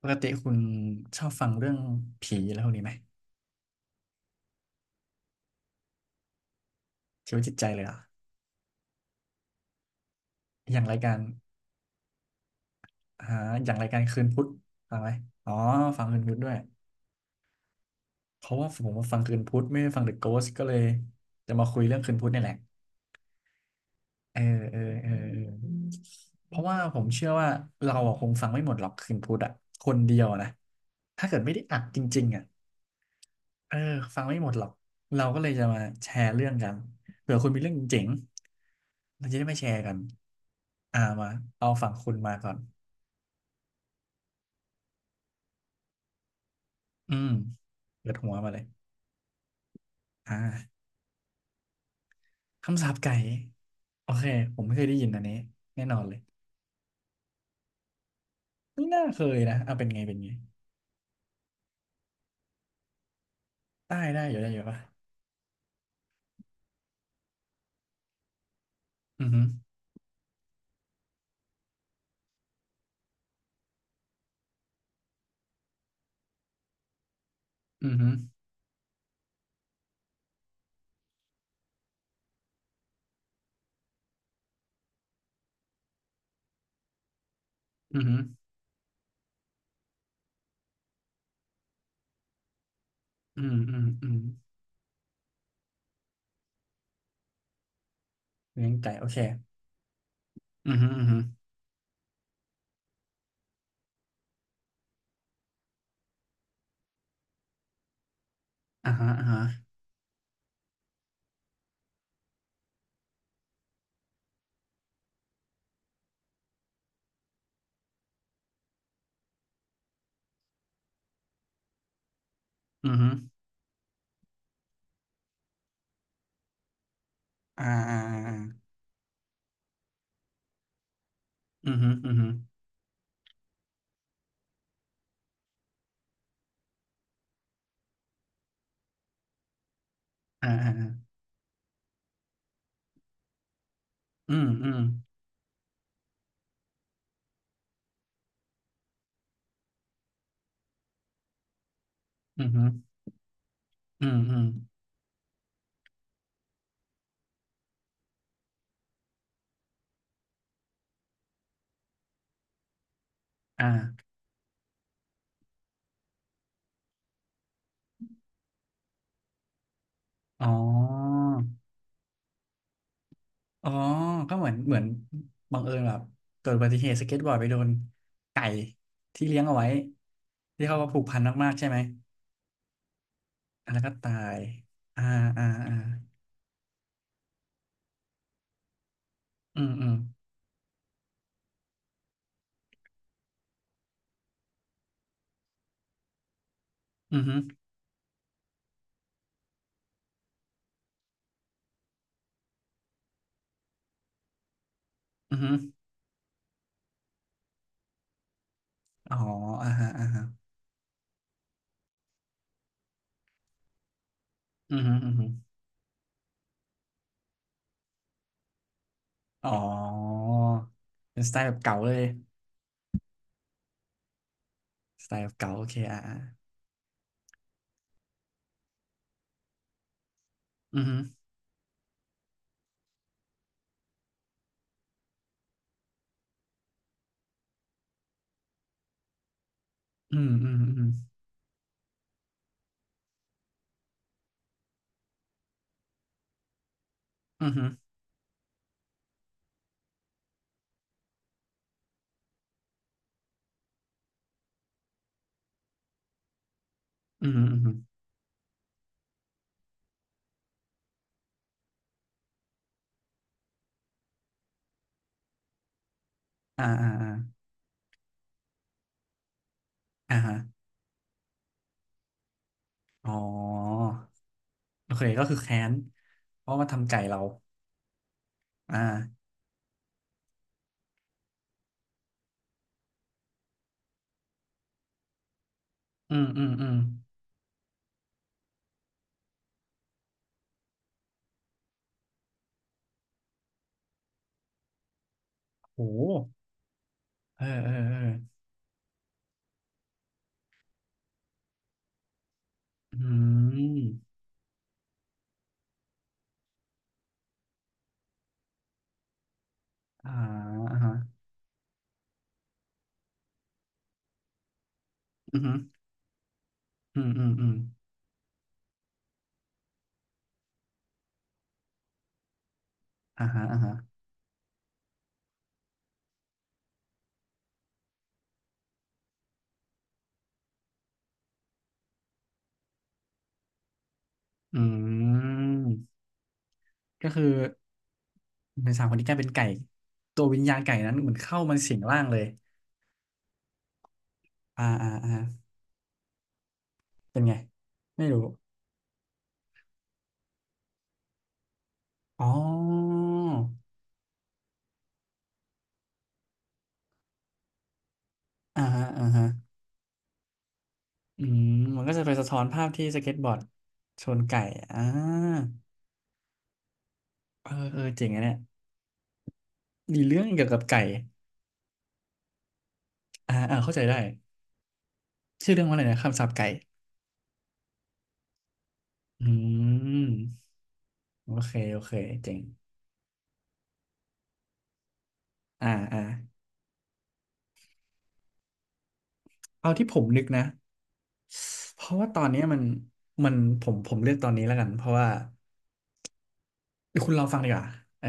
ปกติคุณชอบฟังเรื่องผีอะไรพวกนี้ไหมชีวิตจิตใจเลยเหรอ่ะอย่างรายการหาอย่างรายการคืนพุธฟังไหมอ๋อฟังคืนพุธด้วยเพราะว่าผมมาฟังคืนพุธไม่ได้ฟังเดอะโกสก็เลยจะมาคุยเรื่องคืนพุธนี่แหละเออเออเพราะว่าผมเชื่อว่าเราอะคงฟังไม่หมดหรอกคืนพุธอ่ะคนเดียวนะถ้าเกิดไม่ได้อัดจริงๆอ่ะ เออฟังไม่หมดหรอกเราก็เลยจะมาแชร์เรื่องกันเผื่อคุณมีเรื่องเจ๋งๆเราจะได้มาแชร์กันอ่ามาเอาฝั่งคุณมาก่อนอืมเปิดหัวมาเลยอ่าคำสาปไก่โอเคผมไม่เคยได้ยินอันนี้แน่นอนเลยไม่น่าเคยนะเอาเป็นไงเป็นไงได้ได้อยู่ได้อยู่ปะอือหืออือหืออือหืออืมอืมอืมเลี้ยงไก่โอเคอือหืออือหืออ่าฮะอ่าฮะอือหืออ่าอ่าอ่าอือหืออือหืออ่าอ่าอ่าอืมอืม อืมฮึอืมอืมอ่าอ๋ออ๋อก็เหมือนบังเอิญแบบเกิดอุบัติเหตุสเก็ตบอร์ดไปโดนไก่ที่เลี้ยงเอาไว้ที่เขาว่าผูกพันมากๆใช่ไหมอ่ะแล้วก็ตายอ่าอ่าอ่าอืมอืมอืมฮึอืมฮึอ๋ออ่าฮะอ่าฮะอืมฮึอืมฮึอ๋อเป็นสไตล์แบบเก่าเลยสไตล์แบบเก่าโอเคอ่าอ่าอืมฮึอืมอืมอืมอืมฮึอืมอืมฮึอ่าอ่าอ่าอ่าฮะอ๋อ โอเคก็คือแค้นเพราะมาทำไก่เราอ่าอืมอืมอืมโหเออเออเอออืมอ่าอ่าฮะอืมอืมอืมอืมอ่าฮะอ่าฮะอืมก็คือเป็นสามคนที่กลายเป็นไก่ตัววิญญาณไก่นั้นเหมือนเข้ามาสิงร่างเลยอ่าอ่าอ่าเป็นไงไม่รู้อ๋ออ่าฮะอ่าฮะอืมมันก็จะไปสะท้อนภาพที่สเก็ตบอร์ดชนไก่อ่าเออเออเจ๋งอะเนี่ย มีเรื่องเกี่ยวกับไก่อ่าอ่าเข้าใจได้ชื่อเรื่องว่าอะไรนะคำสาปไก่อืมโอเคโอเค เจ๋งอ่าอ่าเอาที่ผมนึกนะเพราะว่าตอนเนี้ยมันมันผมเลือกตอนนี้แล้วกันเพราะว่าเดี๋ยวคุณลองฟังดีกว่าเออ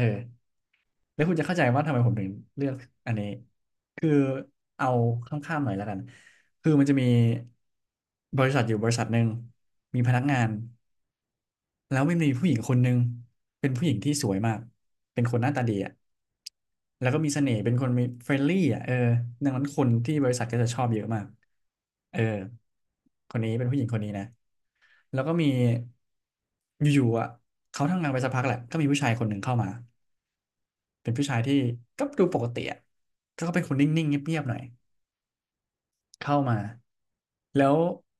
แล้วคุณจะเข้าใจว่าทำไมผมถึงเลือกอันนี้คือเอาข้ามๆหน่อยแล้วกันคือมันจะมีบริษัทอยู่บริษัทหนึ่งมีพนักงาน แล้วไม่มีผู้หญิงคนหนึ่งเป็นผู้หญิงที่สวยมากเป็นคนหน้าตาดีอ่ะแล้วก็มีเสน่ห์เป็นคนมีเฟรนลี่อ่ะเออดังนั้นคนที่บริษัทก็จะชอบเยอะมากเออคนนี้เป็นผู้หญิงคนนี้นะแล้วก็มีอยู่ๆอ่ะเขาทำงานไปสักพักแหละก็มีผู้ชายคนหนึ่งเข้ามาเป็นผู้ชายที่ก็ดูปกติอ่ะก็เป็นคนนิ่งๆเงียบๆหน่อย เข้ามาแล้ว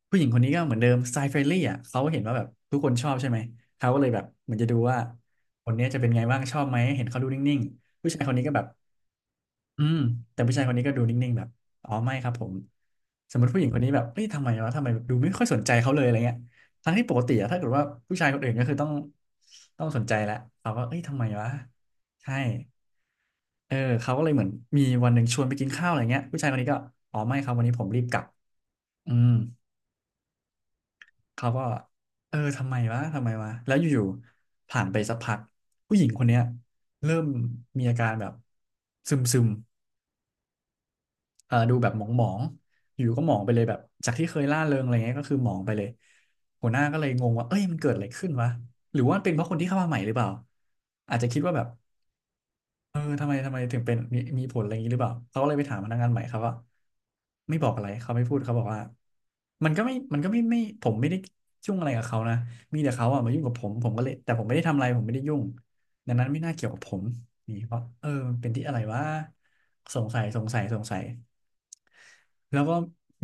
ผู้หญิงคนนี้ก็เหมือนเดิมสไตล์เฟรนลี่อ่ะเขาเห็นว่าแบบทุกคนชอบใช่ไหมเขาก็เลยแบบเหมือนจะดูว่าคนเนี้ยจะเป็นไงบ้างชอบไหมเห็นเขาดูนิ่งๆผู้ชายคนนี้ก็แบบอืมแต่ผู้ชายคนนี้ก็ดูนิ่งๆแบบอ๋อไม่ครับผมสมมติผู้หญิงคนนี้แบบเฮ้ยทำไมวะทำไมแบบดูไม่ค่อยสนใจเขาเลยอะไรเงี้ยทั้งที่ปกติอะถ้าเกิดว่าผู้ชายคนอื่นก็คือต้องสนใจแหละเขาก็เอ้ยทำไมวะใช่เออเขาก็เลยเหมือนมีวันหนึ่งชวนไปกินข้าวอะไรเงี้ยผู้ชายคนนี้ก็อ๋อไม่ครับวันนี้ผมรีบกลับอืม เขาก็เออทำไมวะทำไมวะแล้วอยู่ๆผ่านไปสักพักผู้หญิงคนเนี้ยเริ่มมีอาการแบบซึมซึมเออดูแบบหมองหมองอยู่ก็หมองไปเลยแบบจากที่เคยร่าเริงอะไรเงี้ยก็คือหมองไปเลยหัวหน้าก็เลยงงว่าเอ้ยมันเกิดอะไรขึ้นวะหรือว่ามันเป็นเพราะคนที่เข้ามาใหม่หรือเปล่าอาจจะคิดว่าแบบ เออทำไมทำไมถึงเป็นมีมีผลอะไรอย่างนี้หรือเปล่าเขาก็เลยไปถามพนักงานใหม่เขาก็ไม่บอกอะไรเขาไม่พูดเขาบอกว่ามันก็ไม่ผมไม่ได้ยุ่งอะไรกับเขานะมีแต่เขาอะมายุ่งกับผมผมก็เลยแต่ผมไม่ได้ทำอะไรผมไม่ได้ยุ่งดังนั้นไม่น่าเกี่ยวกับผมนี่เพราะเออมันเป็นที่อะไรวะสงสัยแล้วก็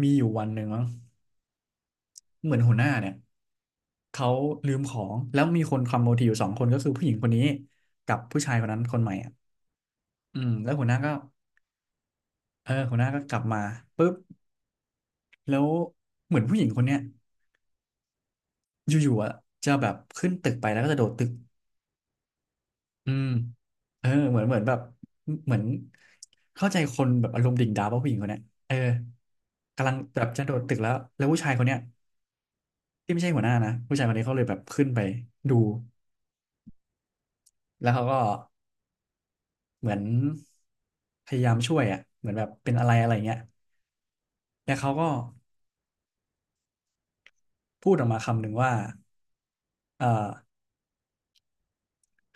มีอยู่วันหนึ่งมั้งเหมือนหัวหน้าเนี่ยเขาลืมของแล้วมีคนคอมโบทีอยู่สองคนก็คือผู้หญิงคนนี้กับผู้ชายคนนั้นคนใหม่อ่ะอืมแล้วหัวหน้าก็ เออหัวหน้าก็กลับมาปุ๊บแล้วเหมือนผู้หญิงคนเนี้ยอยู่ๆอ่ะจะแบบขึ้นตึกไปแล้วก็จะโดดตึกอืมเออเหมือนแบบเหมือนเข้าใจคนแบบอารมณ์ดิ่งดาวว่าผู้หญิงคนเนี้ยเออกำลังแบบจะโดดตึกแล้วผู้ชายคนเนี้ยที่ไม่ใช่หัวหน้านะผู้ชายคนนี้เขาเลยแบบขึ้นไปดูแล้วเขาก็เหมือนพยายามช่วยอ่ะเหมือนแบบเป็นอะไรอะไรเงี้ยแล้วเขาก็พูดออกมาคำหนึ่งว่าเอ่อ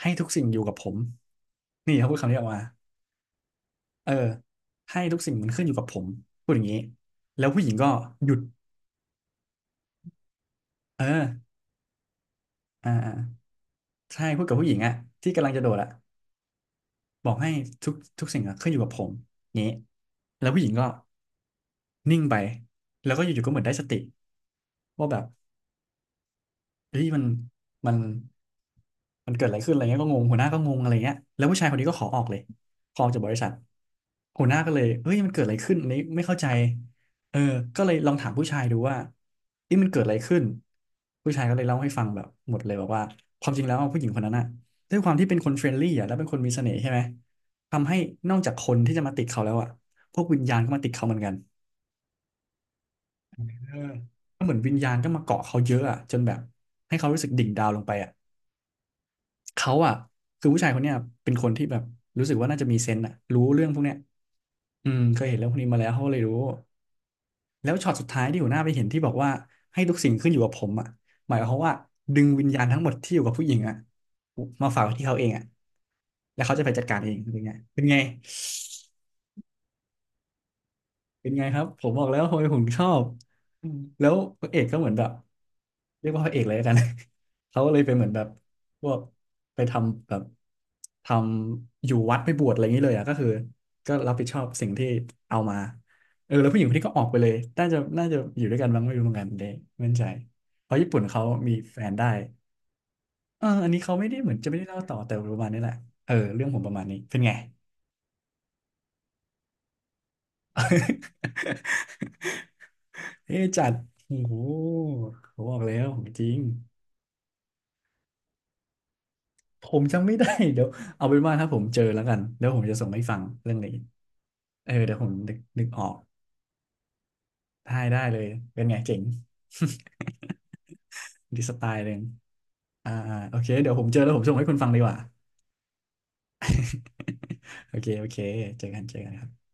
ให้ทุกสิ่งอยู่กับผมนี่เขาพูดคำนี้ออกมา เออให้ทุกสิ่งมันขึ้นอยู่กับผมพูดอย่างนี้แล้วผู้หญิงก็หยุดเอออ่าอ่าใช่พูดกับผู้หญิงอะที่กำลังจะโดดอะบอกให้ทุกสิ่งอะขึ้นอยู่กับผมงี้แล้วผู้หญิงก็นิ่งไปแล้วก็อยู่ๆก็เหมือนได้สติว่าแบบ เฮ้ยมันมันเกิดอะไรขึ้นอะไรเงี้ยก็งงหัวหน้าก็งงอะไรเงี้ยแล้วผู้ชายคนนี้ก็ขอออกเลยขอออกจากบริษัทหัวหน้าก็เลยเฮ้ยมันเกิดอะไรขึ้นอันนี้ไม่เข้าใจเออก็เลยลองถามผู้ชายดูว่านี่มันเกิดอะไรขึ้นผู้ชายก็เลยเล่าให้ฟังแบบหมดเลยบอกว่าความจริงแล้วผู้หญิงคนนั้นน่ะด้วยความที่เป็นคนเฟรนลี่อ่ะแล้วเป็นคนมีเสน่ห์ใช่ไหมทำให้นอกจากคนที่จะมาติดเขาแล้วอ่ะพวกวิญญาณก็มาติดเขาเหมือนกันเออก็เหมือนวิญญาณก็มาเกาะเขาเยอะอ่ะจนแบบให้เขารู้สึกดิ่งดาวลงไปอ่ะ เขาอ่ะคือผู้ชายคนเนี้ยเป็นคนที่แบบรู้สึกว่าน่าจะมีเซนส์อ่ะรู้เรื่องพวกเนี้ยอืมเคยเห็นเรื่องพวกนี้มาแล้วเขาเลยรู้แล้วช็อตสุดท้ายที่หัวหน้าไปเห็นที่บอกว่าให้ทุกสิ่งขึ้นอยู่กับผมอ่ะหมายความว่าดึงวิญญาณทั้งหมดที่อยู่กับผู้หญิงอ่ะมาฝากไว้ที่เขาเองอ่ะแล้วเขาจะไปจัดการเองเป็นไงเป็นไง เป็นไงครับผมบอกแล้วทำไมผมชอบอืมแล้วพระเอกก็เหมือนแบบเรียกว่าพระเอกเลยแล้วกัน เขาก็เลยไปเหมือนแบบพวกไปทำแบบทำอยู่วัดไปบวชอะไรอย่างนี้เลยอ่ะก็คือก็รับผิดชอบสิ่งที่เอามาเออแล้วผู้หญิงคนนี้ก็ออกไปเลยน่าจะอยู่ด้วยกันบ้างไม่รู้เหมือนกันเด้ไม่แน่ใจเพราะญี่ปุ่นเขามีแฟนได้เอออันนี้เขาไม่ได้เหมือนจะไม่ได้เล่าต่อแต่ประมาณนี้แหละเออเรื่องผมประมาณนี้เป็นไง เอ๊ะจัดโอ้โหผมบอกแล้วของจริงผมจำไม่ได้ เดี๋ยวเอาเป็นว่าถ้าผมเจอแล้วกันเดี๋ยวผมจะส่งให้ฟังเรื่องนี้เออเดี๋ยวผมนึกออกได้ได้เลยเป็นไงเจ๋ง ดีสไตล์หนึ่งอ่าอ่าโอเคเดี๋ยวผมเจอแล้วผมส่งให้คุณฟังดีกว่า โอเคโอเคเจอกันเจอกันครับ